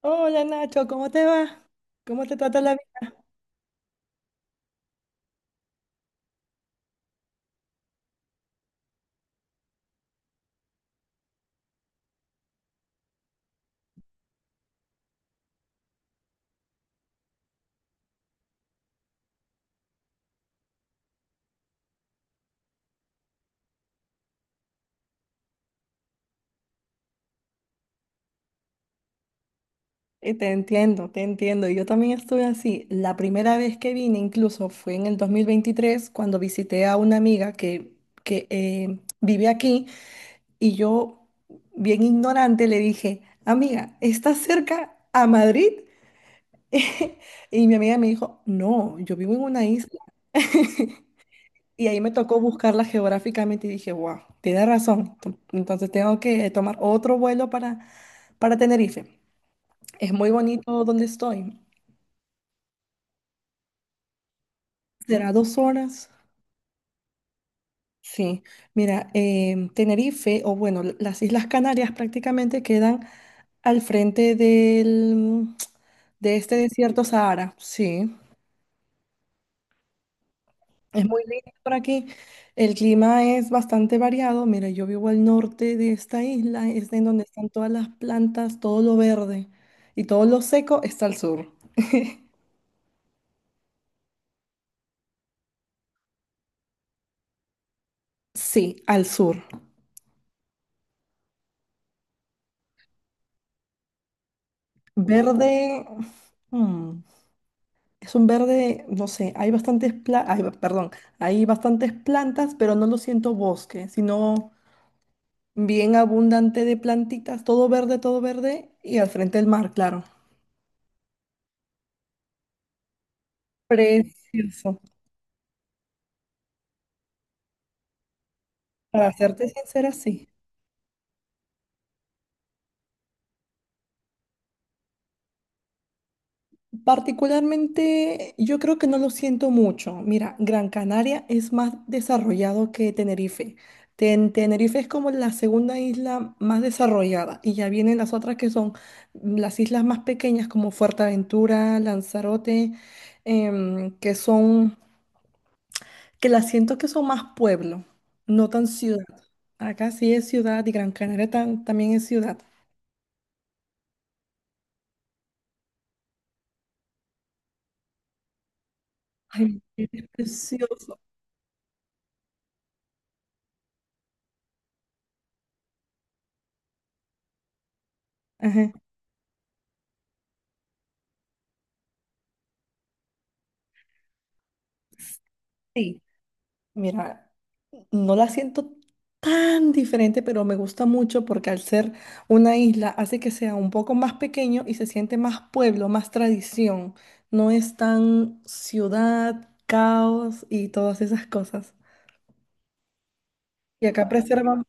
Hola Nacho, ¿cómo te va? ¿Cómo te trata la vida? Te entiendo, te entiendo. Yo también estuve así. La primera vez que vine incluso fue en el 2023 cuando visité a una amiga que vive aquí y yo, bien ignorante, le dije, amiga, ¿estás cerca a Madrid? Y mi amiga me dijo, no, yo vivo en una isla. Y ahí me tocó buscarla geográficamente y dije, wow, tiene razón. Entonces tengo que tomar otro vuelo para Tenerife. Es muy bonito donde estoy. ¿Será 2 horas? Sí. Mira, Tenerife, o bueno, las Islas Canarias prácticamente quedan al frente de este desierto Sahara. Sí. Es muy lindo por aquí. El clima es bastante variado. Mira, yo vivo al norte de esta isla, es en donde están todas las plantas, todo lo verde. Y todo lo seco está al sur. Sí, al sur. Verde. mm, Es un verde, no sé, hay bastantes ay, perdón, hay bastantes plantas, pero no lo siento bosque, sino bien abundante de plantitas, todo verde, y al frente el mar, claro. Precioso. Para serte sincera, sí. Particularmente, yo creo que no lo siento mucho. Mira, Gran Canaria es más desarrollado que Tenerife. Tenerife es como la segunda isla más desarrollada y ya vienen las otras que son las islas más pequeñas como Fuerteventura, Lanzarote, em, que son, que las siento que son más pueblo, no tan ciudad. Acá sí es ciudad y Gran Canaria también es ciudad. Ay, es precioso. Ajá. Sí, mira. No la siento tan diferente, pero me gusta mucho porque al ser una isla hace que sea un poco más pequeño y se siente más pueblo, más tradición. No es tan ciudad, caos y todas esas cosas. Y acá preservan,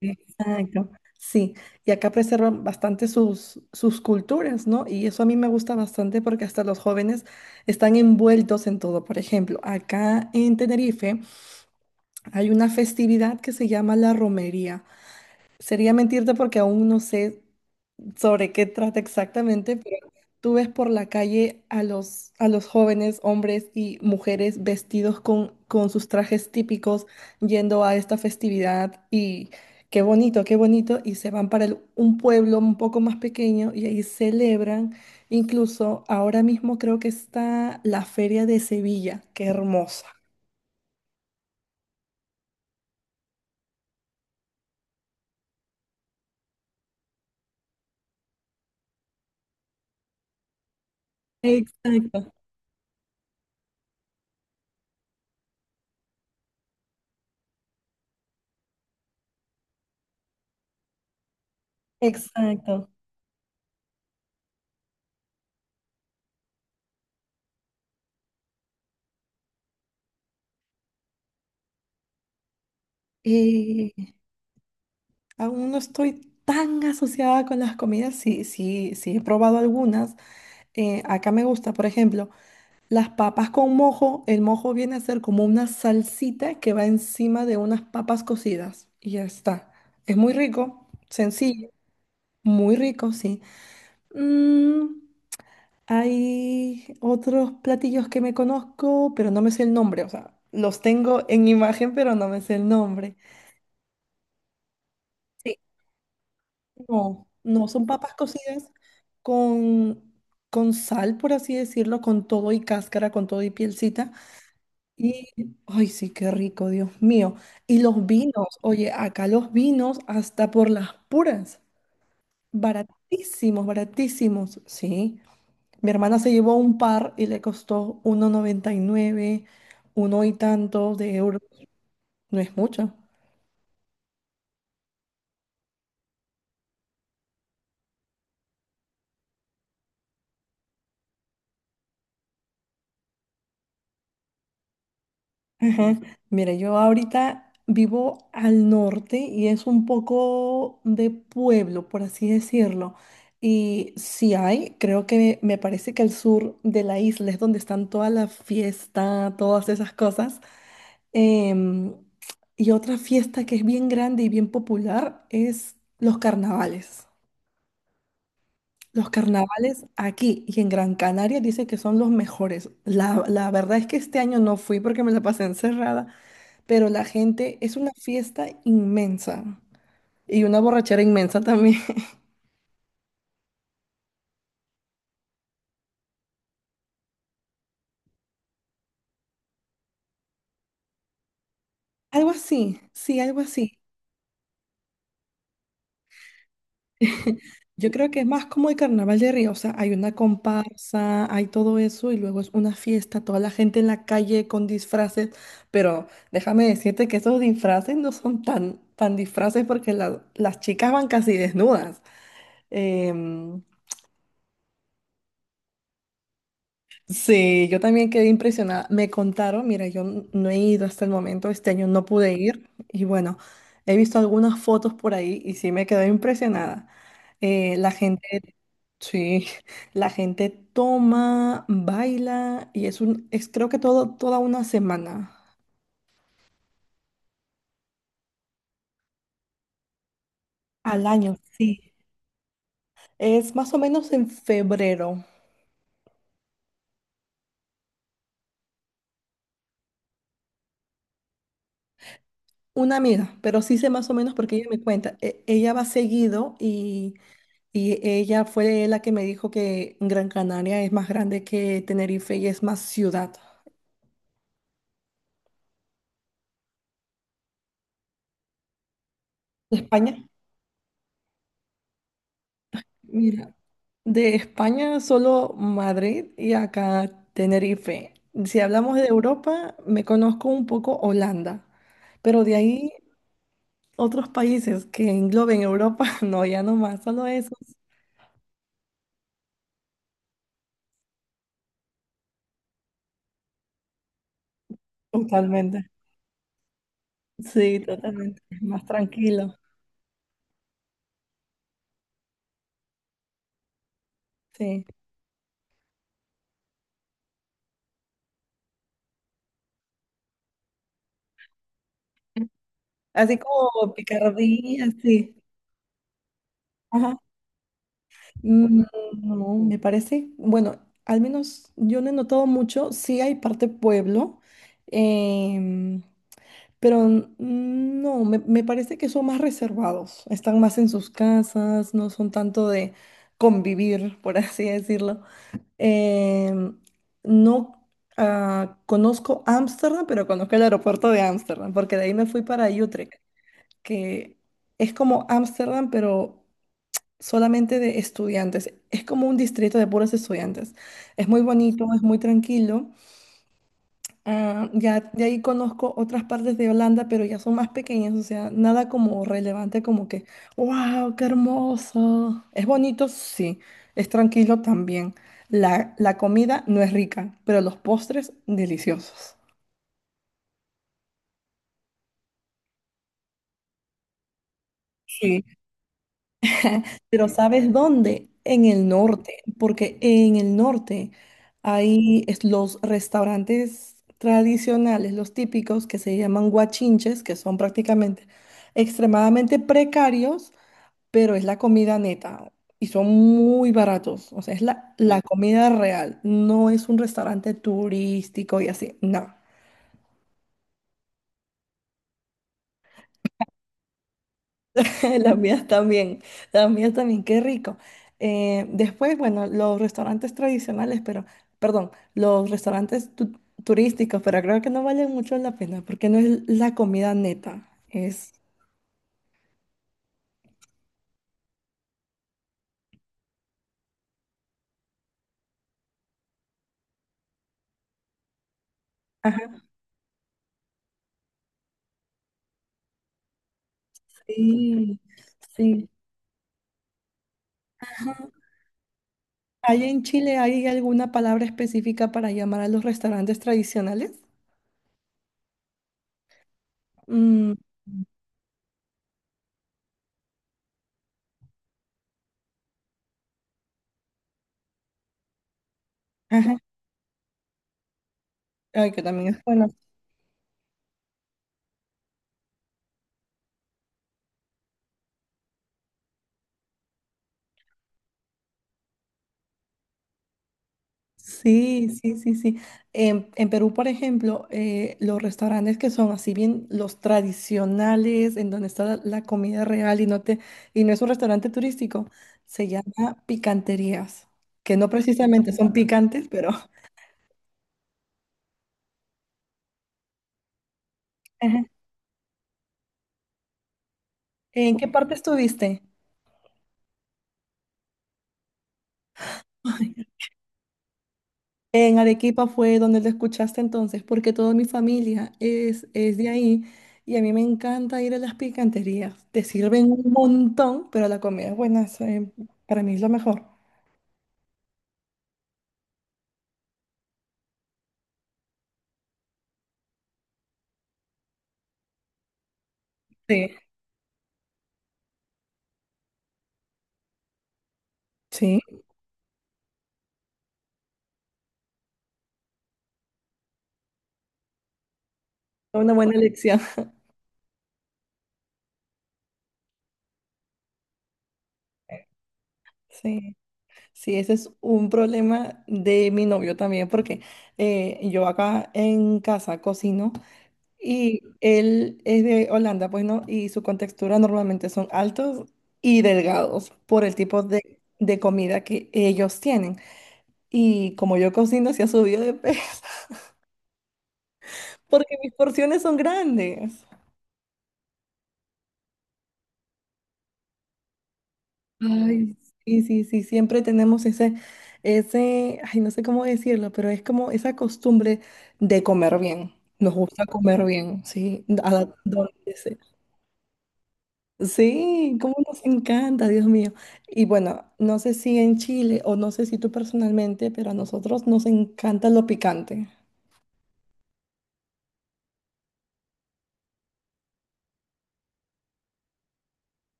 exacto, sí, y acá preservan bastante sus culturas, ¿no? Y eso a mí me gusta bastante porque hasta los jóvenes están envueltos en todo. Por ejemplo, acá en Tenerife hay una festividad que se llama la romería. Sería mentirte porque aún no sé sobre qué trata exactamente, pero tú ves por la calle a los jóvenes, hombres y mujeres vestidos con sus trajes típicos yendo a esta festividad y qué bonito, y se van para un pueblo un poco más pequeño y ahí celebran. Incluso ahora mismo creo que está la Feria de Sevilla, qué hermosa. Exacto, exacto. Aún no estoy tan asociada con las comidas, sí, sí, sí he probado algunas. Acá me gusta, por ejemplo, las papas con mojo. El mojo viene a ser como una salsita que va encima de unas papas cocidas y ya está. Es muy rico, sencillo, muy rico, sí. Mm, Hay otros platillos que me conozco, pero no me sé el nombre, o sea, los tengo en imagen, pero no me sé el nombre. No, no son papas cocidas con, con sal, por así decirlo, con todo y cáscara, con todo y pielcita. Y, ay, sí, qué rico, Dios mío. Y los vinos, oye, acá los vinos hasta por las puras, baratísimos, baratísimos, sí. Mi hermana se llevó un par y le costó 1,99, uno y tanto de euros, no es mucho. Ajá. Mira, yo ahorita vivo al norte y es un poco de pueblo, por así decirlo. Y si hay, creo que me parece que el sur de la isla es donde están toda la fiesta, todas esas cosas. Em, y otra fiesta que es bien grande y bien popular es los carnavales. Los carnavales aquí y en Gran Canaria dicen que son los mejores. La verdad es que este año no fui porque me la pasé encerrada, pero la gente es una fiesta inmensa y una borrachera inmensa también. Algo así, sí, algo así. Yo creo que es más como el Carnaval de Río, o sea, hay una comparsa, hay todo eso y luego es una fiesta, toda la gente en la calle con disfraces, pero déjame decirte que esos disfraces no son tan, tan disfraces porque las chicas van casi desnudas. Em, Sí, yo también quedé impresionada. Me contaron, mira, yo no he ido hasta el momento, este año no pude ir y bueno, he visto algunas fotos por ahí y sí me quedé impresionada. Eh, la gente, sí, la gente toma, baila y es, creo que toda una semana al año, sí. Es más o menos en febrero. Una amiga, pero sí sé más o menos porque ella me cuenta, ella va seguido y... Y ella fue la que me dijo que Gran Canaria es más grande que Tenerife y es más ciudad. ¿De España? Mira, de España solo Madrid y acá Tenerife. Si hablamos de Europa, me conozco un poco Holanda, pero de ahí otros países que engloben Europa, no, ya no más, solo esos. Totalmente. Sí, totalmente, más tranquilo, sí. Así como picardía, sí. Mm, No, me parece, bueno, al menos yo no he notado mucho, sí hay parte pueblo, em, pero no, me parece que son más reservados, están más en sus casas, no son tanto de convivir, por así decirlo. Em, no, conozco Ámsterdam, pero conozco el aeropuerto de Ámsterdam, porque de ahí me fui para Utrecht, que es como Ámsterdam, pero solamente de estudiantes. Es como un distrito de puros estudiantes. Es muy bonito, es muy tranquilo. Ah, ya de ahí conozco otras partes de Holanda, pero ya son más pequeñas, o sea, nada como relevante como que, wow, qué hermoso. Es bonito, sí, es tranquilo también. La comida no es rica, pero los postres deliciosos. Sí. Pero ¿sabes dónde? En el norte, porque en el norte hay los restaurantes tradicionales, los típicos, que se llaman guachinches, que son prácticamente extremadamente precarios, pero es la comida neta y son muy baratos. O sea, es la comida real, no es un restaurante turístico y así, no. Las mías también, las mías también, qué rico. Después, bueno, los restaurantes tradicionales, pero, perdón, los restaurantes turísticos, pero creo que no valen mucho la pena porque no es la comida neta, es... Ajá, sí, sí. Ajá. ¿Hay en Chile, hay alguna palabra específica para llamar a los restaurantes tradicionales? Mm, ajá, ay, que también es bueno. Sí, sí, sí, sí. En Perú, por ejemplo, los restaurantes que son así bien los tradicionales, en donde está la comida real y no te, y no es un restaurante turístico, se llama picanterías, que no precisamente son picantes, pero ajá. ¿En qué parte estuviste? En Arequipa fue donde lo escuchaste entonces, porque toda mi familia es de ahí y a mí me encanta ir a las picanterías. Te sirven un montón, pero la comida es buena, eso, para mí es lo mejor. Sí, sí, fue una buena elección. Sí, sí, ese es un problema de mi novio también, porque yo acá en casa cocino. Y él es de Holanda, pues no, y su contextura normalmente son altos y delgados por el tipo de comida que ellos tienen. Y como yo cocino, se ha subido de peso porque mis porciones son grandes. Ay, sí, sí, sí, siempre tenemos ese, ay, no sé cómo decirlo, pero es como esa costumbre de comer bien. Nos gusta comer bien, sí, a donde sea. Sí, cómo nos encanta, Dios mío. Y bueno, no sé si en Chile o no sé si tú personalmente, pero a nosotros nos encanta lo picante.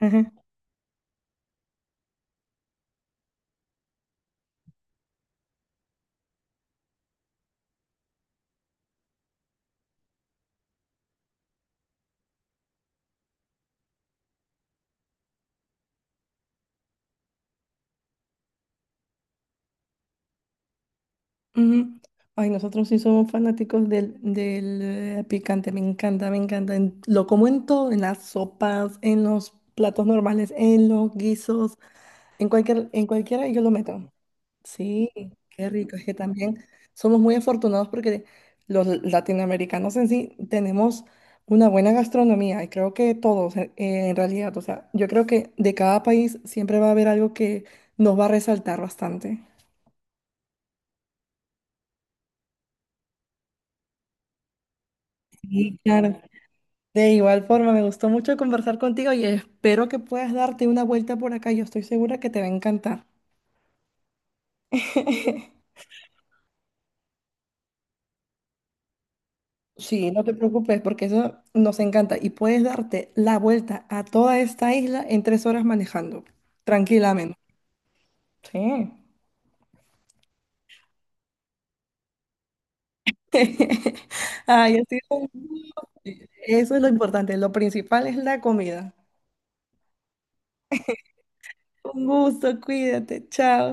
Ajá. Ujú. Ay, nosotros sí somos fanáticos del picante, me encanta, me encanta. Lo como en todo, en las sopas, en los platos normales, en los guisos, en cualquiera yo lo meto. Sí, qué rico. Es que también somos muy afortunados porque los latinoamericanos en sí tenemos una buena gastronomía y creo que todos en realidad, o sea, yo creo que de cada país siempre va a haber algo que nos va a resaltar bastante. Sí, claro. De igual forma, me gustó mucho conversar contigo y espero que puedas darte una vuelta por acá. Yo estoy segura que te va a encantar. Sí, no te preocupes porque eso nos encanta y puedes darte la vuelta a toda esta isla en 3 horas manejando, tranquilamente. Sí. Ay, ha sido un gusto. Eso es lo importante, lo principal es la comida. Un gusto, cuídate, chao.